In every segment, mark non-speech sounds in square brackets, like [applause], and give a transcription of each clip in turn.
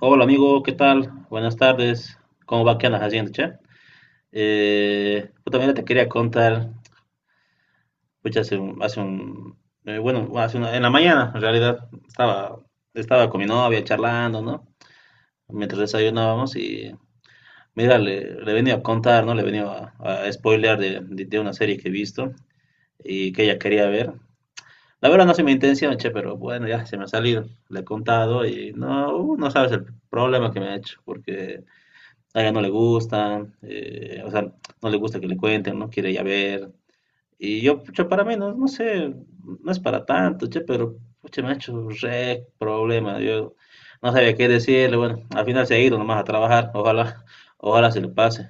Hola amigo, ¿qué tal? Buenas tardes. ¿Cómo va? ¿Qué andas haciendo, che? Yo también te quería contar, pucha, hace un bueno, en la mañana, en realidad, estaba con mi novia charlando, ¿no? Mientras desayunábamos y, mira, le venía a contar, ¿no? Le venía a spoilear de una serie que he visto y que ella quería ver. La verdad no se me intención, che, pero bueno, ya se me ha salido. Le he contado y no, no sabes el problema que me ha hecho, porque a ella no le gusta, o sea, no le gusta que le cuenten, no quiere ya ver. Y yo, pucha, para mí, no, no sé, no es para tanto, che, pero, pucha, me ha hecho re problema. Yo no sabía qué decirle, bueno, al final se ha ido nomás a trabajar, ojalá, ojalá se le pase.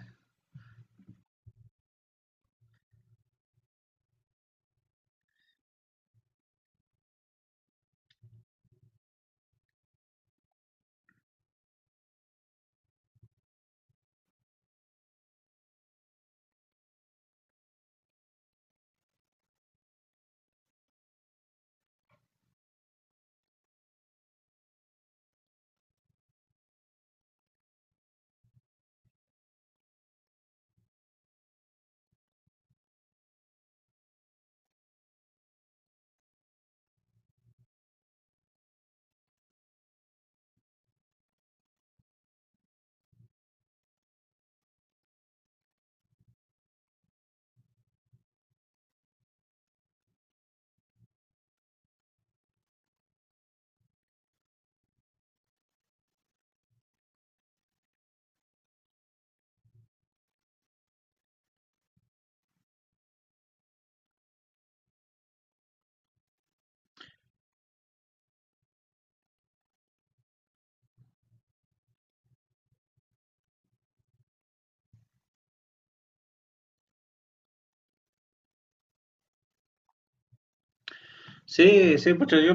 Sí, sí, pucha, yo,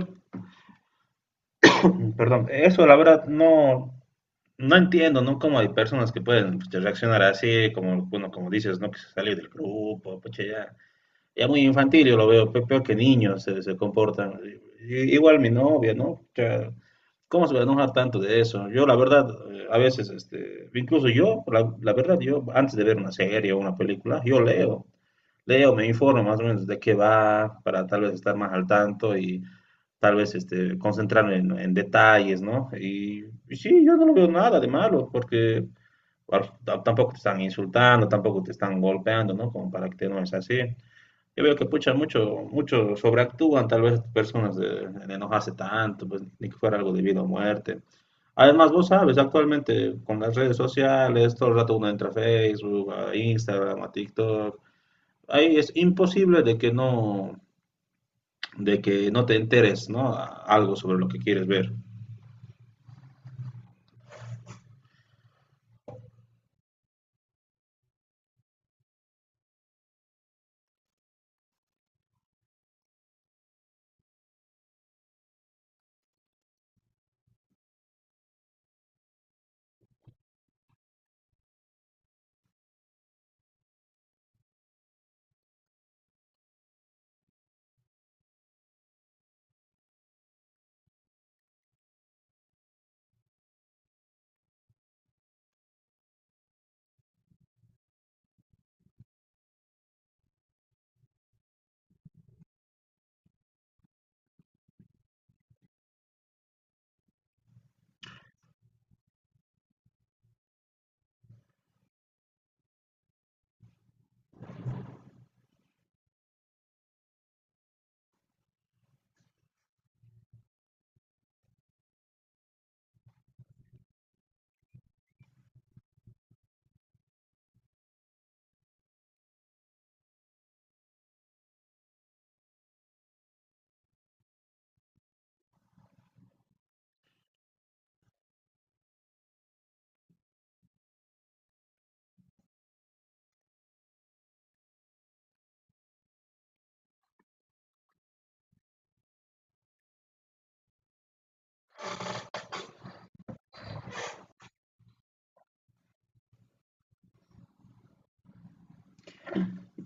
[clears throat] perdón, eso la verdad no, no entiendo, ¿no? Cómo hay personas que pueden pucha, reaccionar así, como, bueno, como dices, ¿no? Que se salió del grupo, pucha, ya. Ya muy infantil, yo lo veo, peor que niños se comportan. Igual mi novia, ¿no? O sea, ¿cómo se va a enojar tanto de eso? Yo, la verdad, a veces, este, incluso yo, la verdad, yo, antes de ver una serie o una película, yo leo, leo, me informo más o menos de qué va, para tal vez estar más al tanto y tal vez, este, concentrarme en detalles, ¿no? Y sí, yo no lo veo nada de malo, porque bueno, tampoco te están insultando, tampoco te están golpeando, ¿no? Como para que te enojes así. Yo veo que pucha, mucho, mucho sobreactúan, tal vez personas de no hace tanto, pues ni que fuera algo de vida o muerte. Además, vos sabes, actualmente con las redes sociales, todo el rato uno entra a Facebook, a Instagram, a TikTok. Ahí es imposible de que no te enteres, ¿no? Algo sobre lo que quieres ver.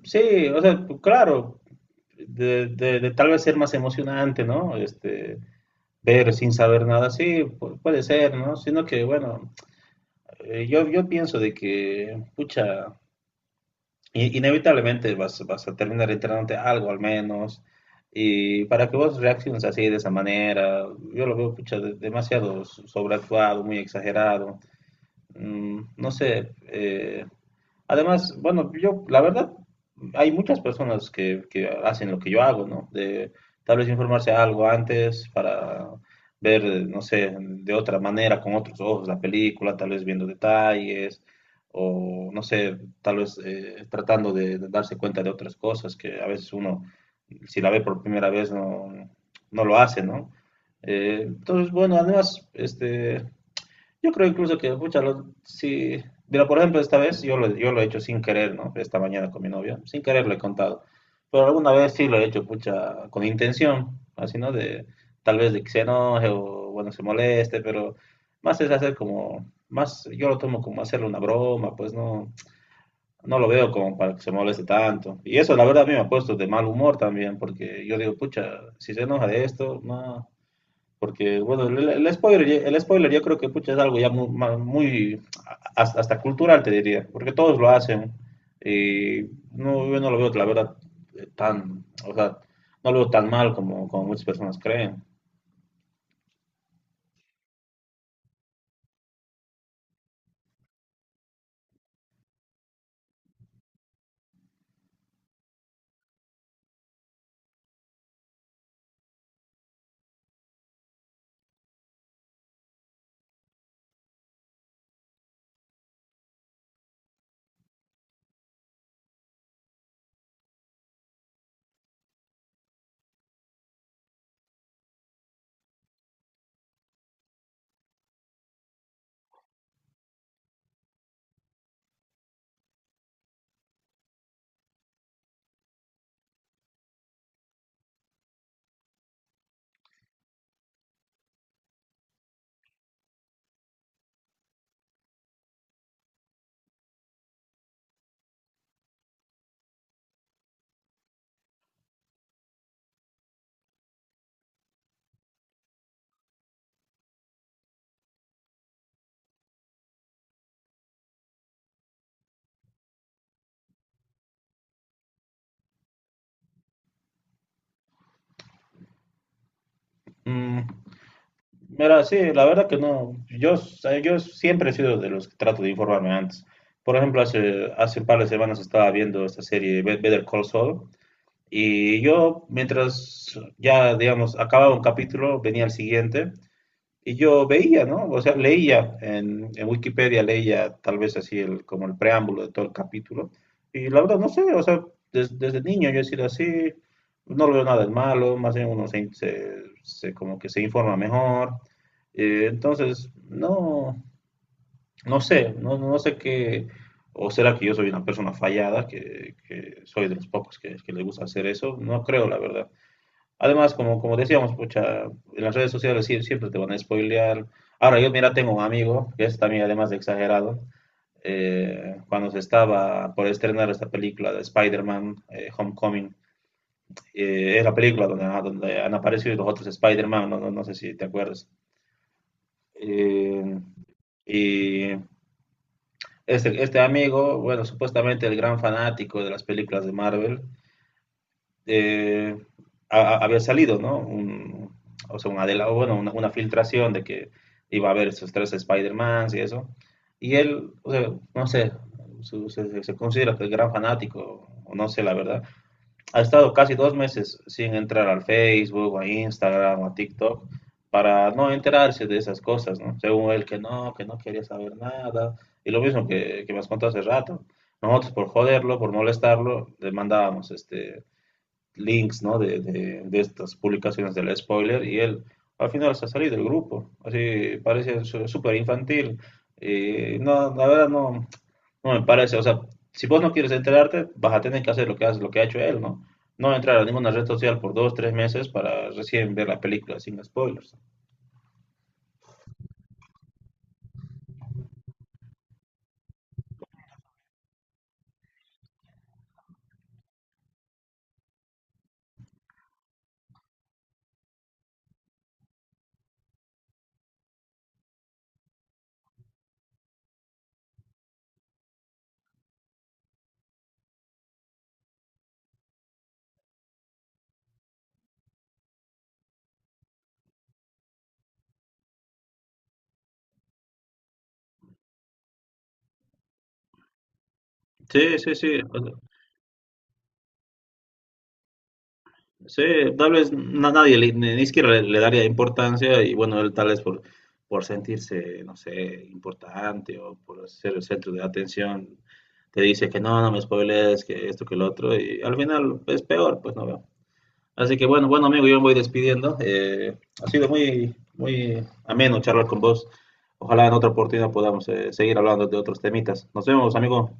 Sí, o sea, pues, claro, de tal vez ser más emocionante, ¿no? Este, ver sin saber nada, sí, puede ser, ¿no? Sino que, bueno. Yo, yo pienso de que, pucha, inevitablemente vas, vas a terminar enterándote algo al menos. Y para que vos reacciones así de esa manera, yo lo veo, pucha, demasiado sobreactuado, muy exagerado. Mm, no sé, además, bueno, yo, la verdad, hay muchas personas que hacen lo que yo hago, ¿no? De tal vez informarse algo antes para ver, no sé, de otra manera, con otros ojos la película, tal vez viendo detalles, o no sé, tal vez tratando de darse cuenta de otras cosas que a veces uno, si la ve por primera vez, no, no lo hace, ¿no? Entonces, bueno, además, este, yo creo incluso que, pucha, lo- sí. Mira, por ejemplo, esta vez yo lo he hecho sin querer, ¿no? Esta mañana con mi novia, sin querer lo he contado. Pero alguna vez sí lo he hecho, pucha, con intención, así, ¿no? De, tal vez de que se enoje o, bueno, se moleste, pero más es hacer como, más, yo lo tomo como hacerle una broma, pues no, no lo veo como para que se moleste tanto. Y eso, la verdad, a mí me ha puesto de mal humor también, porque yo digo, pucha, si se enoja de esto, no. Porque, bueno, el spoiler, ya- el spoiler yo creo que pucha, es algo ya muy, muy hasta, hasta cultural, te diría, porque todos lo hacen. Y no, yo no lo veo, la verdad, tan, o sea, no lo veo tan mal como, como muchas personas creen. Mm, mira, sí, la verdad que no. Yo, yo siempre he sido de los que trato de informarme antes. Por ejemplo, hace, hace un par de semanas estaba viendo esta serie Better Call Saul. Y yo, mientras ya, digamos, acababa un capítulo, venía el siguiente. Y yo veía, ¿no? O sea, leía en Wikipedia, leía tal vez así el, como el preámbulo de todo el capítulo. Y la verdad, no sé, o sea, desde niño yo he sido así, no lo veo nada de malo, más bien uno se, se como que se informa mejor. Entonces, no, no sé, no, no sé qué, o será que yo soy una persona fallada, que soy de los pocos que le gusta hacer eso, no creo, la verdad. Además, como, como decíamos, pucha, en las redes sociales siempre te van a spoilear. Ahora, yo, mira, tengo un amigo, que es también además de exagerado, cuando se estaba por estrenar esta película de Spider-Man Homecoming, es la película donde, ah, donde han aparecido los otros Spider-Man, no, no sé si te acuerdas. Eh, y este, este amigo, bueno, supuestamente el gran fanático de las películas de Marvel, eh, había salido, ¿no? Un- o sea, una, de la- bueno, una filtración de que iba a haber esos tres Spider-Mans y eso. Y él, o sea, no sé, su- se considera que es gran fanático, o no sé la verdad. Ha estado casi 2 meses sin entrar al Facebook, a Instagram, o a TikTok, para no enterarse de esas cosas, ¿no? Según él, que no quería saber nada. Y lo mismo que me has contado hace rato. Nosotros por joderlo, por molestarlo, le mandábamos este, links, ¿no? De estas publicaciones del spoiler y él al final se ha salido del grupo. Así parece súper infantil. Y no, la verdad no, no me parece. O sea, si vos no quieres enterarte, vas a tener que hacer lo que hace, lo que ha hecho él, ¿no? No entrar a ninguna red social por 2, 3 meses para recién ver la película sin spoilers. Sí, sí, sí. Sí, tal vez nadie, le- ni ni siquiera le, le daría importancia y bueno, él tal vez por sentirse, no sé, importante o por ser el centro de atención, te dice que no, no me spoilees, que esto, que lo otro y al final es peor, pues no veo. Así que bueno, bueno amigo, yo me voy despidiendo. Ha sido muy, muy ameno charlar con vos. Ojalá en otra oportunidad podamos seguir hablando de otros temitas. Nos vemos, amigo.